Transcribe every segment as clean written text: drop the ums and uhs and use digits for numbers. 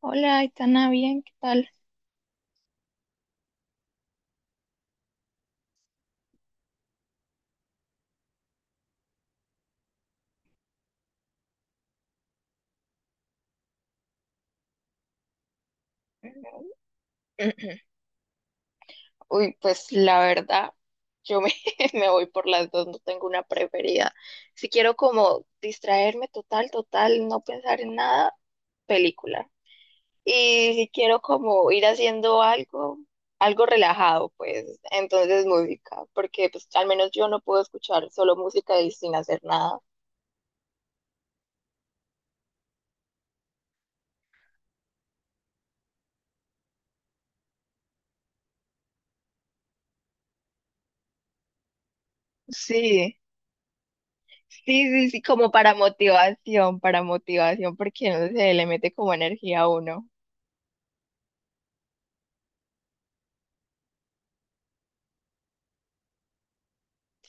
Hola, Aitana, bien, ¿qué tal? Uy, pues la verdad, yo me, me voy por las dos, no tengo una preferida. Si quiero como distraerme total, total, no pensar en nada, película. Y si quiero como ir haciendo algo, algo relajado, pues entonces música, porque pues al menos yo no puedo escuchar solo música y sin hacer nada. Sí. Sí, sí, sí, como para motivación, porque no sé, le mete como energía a uno.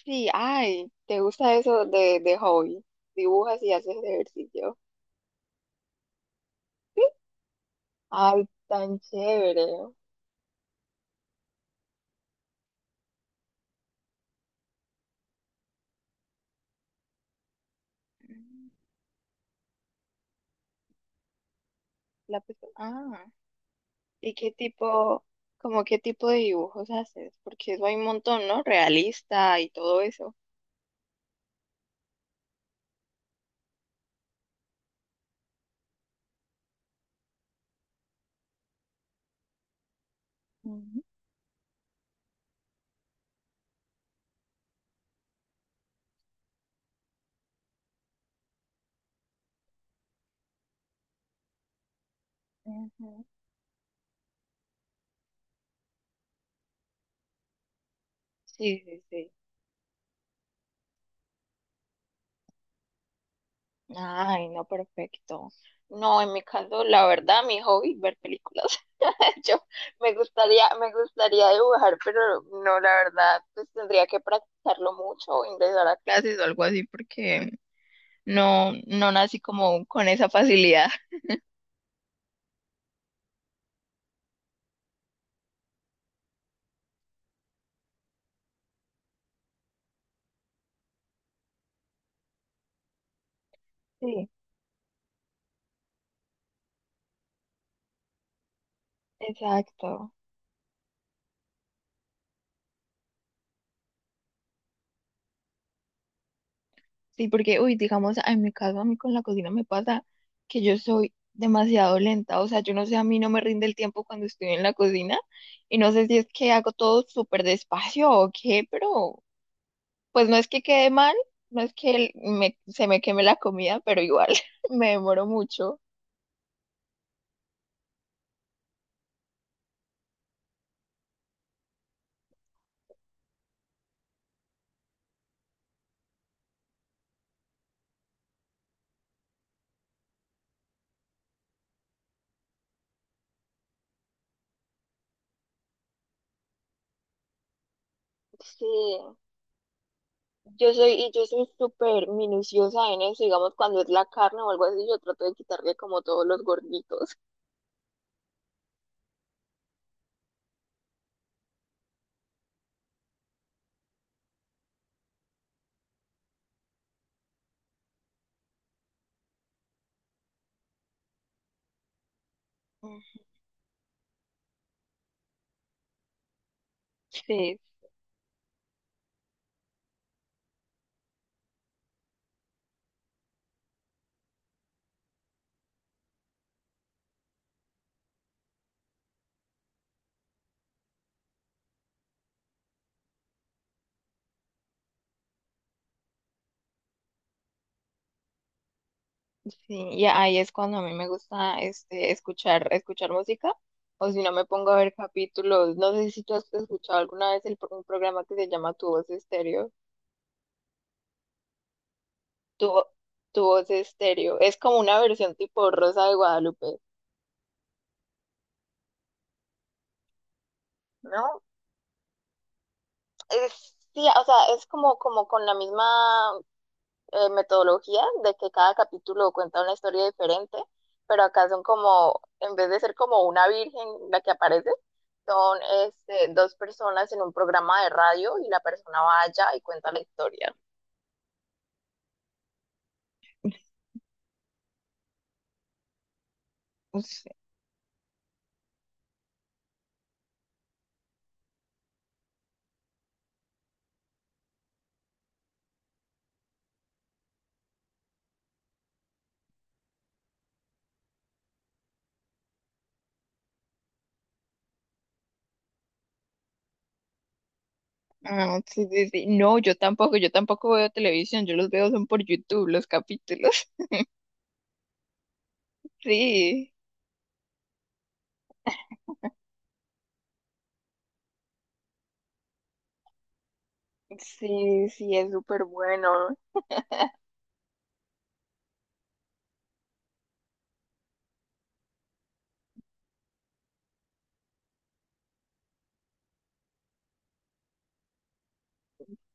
Sí, ay, ¿te gusta eso de hobby? Dibujas y haces ejercicio. Ay, tan chévere. La persona- ah, ¿Y qué tipo, como qué tipo de dibujos haces? Porque eso hay un montón, ¿no? Realista y todo eso. Ujú, ujú. Sí, sí, sí. Ay, no, perfecto. No, en mi caso, la verdad, mi hobby es ver películas. Yo me gustaría dibujar, pero no, la verdad, pues tendría que practicarlo mucho o ingresar a clases o algo así, porque no, no nací como con esa facilidad. Sí, exacto. Sí, porque, uy, digamos, en mi caso, a mí con la cocina me pasa que yo soy demasiado lenta, o sea, yo no sé, a mí no me rinde el tiempo cuando estoy en la cocina y no sé si es que hago todo súper despacio o qué, pero pues no es que quede mal, no es que se me queme la comida, pero igual me demoro mucho. Sí, y yo soy súper minuciosa en eso, digamos, cuando es la carne o algo así, yo trato de quitarle como todos los gorditos. Mm. Sí. Sí, y ahí es cuando a mí me gusta este, escuchar, escuchar música, o si no me pongo a ver capítulos. No sé si tú has escuchado alguna vez un programa que se llama Tu Voz Estéreo. Tu, Vo- Tu Voz Estéreo. Es como una versión tipo Rosa de Guadalupe, ¿no? Es, sí, o sea, es como, como con la misma metodología de que cada capítulo cuenta una historia diferente, pero acá son como, en vez de ser como una virgen la que aparece, son este, dos personas en un programa de radio y la persona va allá y cuenta la historia. Sí, ah, sí, sí, sí. No, yo tampoco veo televisión, yo los veo son por YouTube los capítulos. Sí. Sí, sí, es súper bueno.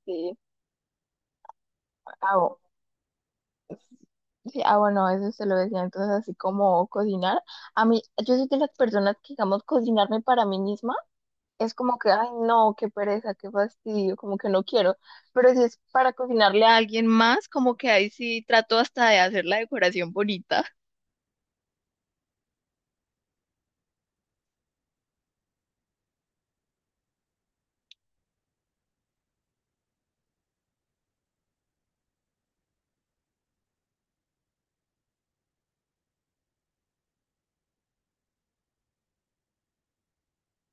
Sí. Ah, sí, ah, bueno, eso se lo decía, entonces así como cocinar. A mí, yo soy de las personas que, digamos, cocinarme para mí misma es como que, ay, no, qué pereza, qué fastidio, como que no quiero. Pero si es para cocinarle a alguien más, como que ahí sí trato hasta de hacer la decoración bonita.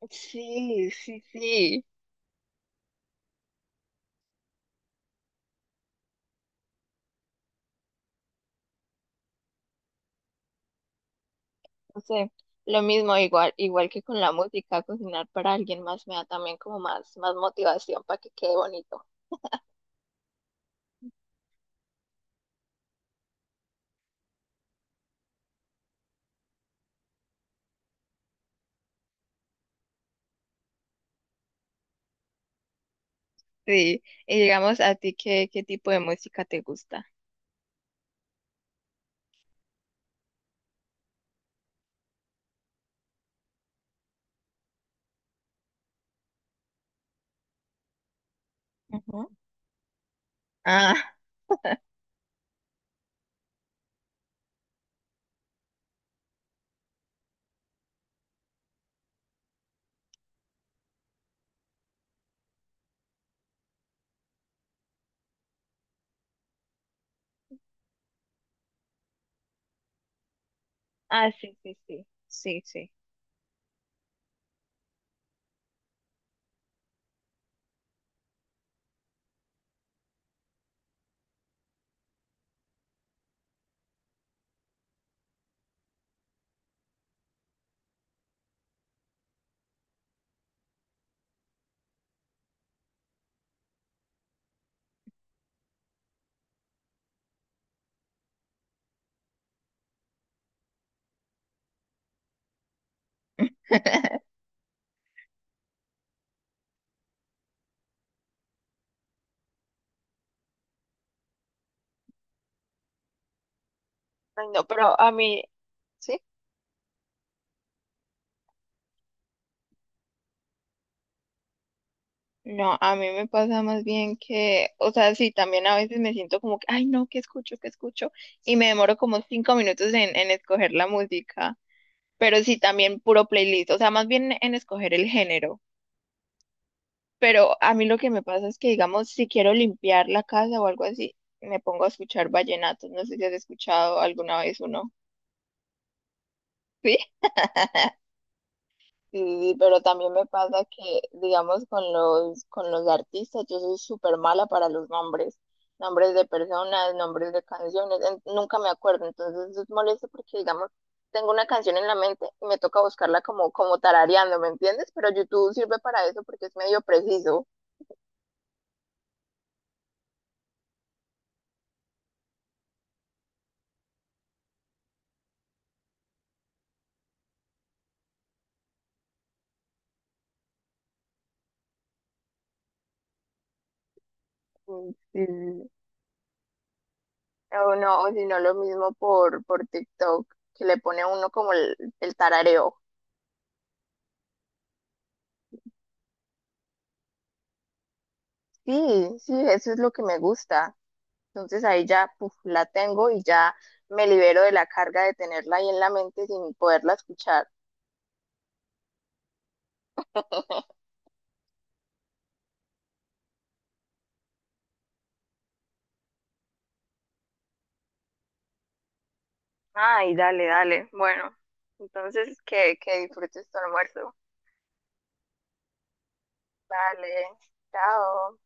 Sí, sí, sí. No sé, lo mismo, igual, igual que con la música, cocinar para alguien más me da también como más, más motivación para que quede bonito. Sí, y digamos, ¿a ti qué, qué tipo de música te gusta? Ah, ah, sí, sí, sí, sí, sí. Ay, no, pero a mí, sí. No, a mí me pasa más bien que, o sea, sí, también a veces me siento como que, ay, no, ¿qué escucho? ¿Qué escucho? Y me demoro como 5 minutos en escoger la música, pero sí, también puro playlist, o sea, más bien en escoger el género. Pero a mí lo que me pasa es que, digamos, si quiero limpiar la casa o algo así, me pongo a escuchar vallenatos. No sé si has escuchado alguna vez uno. Sí. Sí, pero también me pasa que, digamos, con con los artistas, yo soy súper mala para los nombres, nombres de personas, nombres de canciones, en- nunca me acuerdo, entonces es molesto porque, digamos, tengo una canción en la mente y me toca buscarla como, como tarareando, ¿me entiendes? Pero YouTube sirve para eso porque es medio preciso. Mm. Sí. O no, o si no, lo mismo por TikTok, que le pone a uno como el tarareo. Sí, sí, eso es lo que me gusta. Entonces ahí ya puf, la tengo y ya me libero de la carga de tenerla ahí en la mente sin poderla escuchar. Ay, dale, dale. Bueno, entonces que disfrutes tu almuerzo. Dale, chao.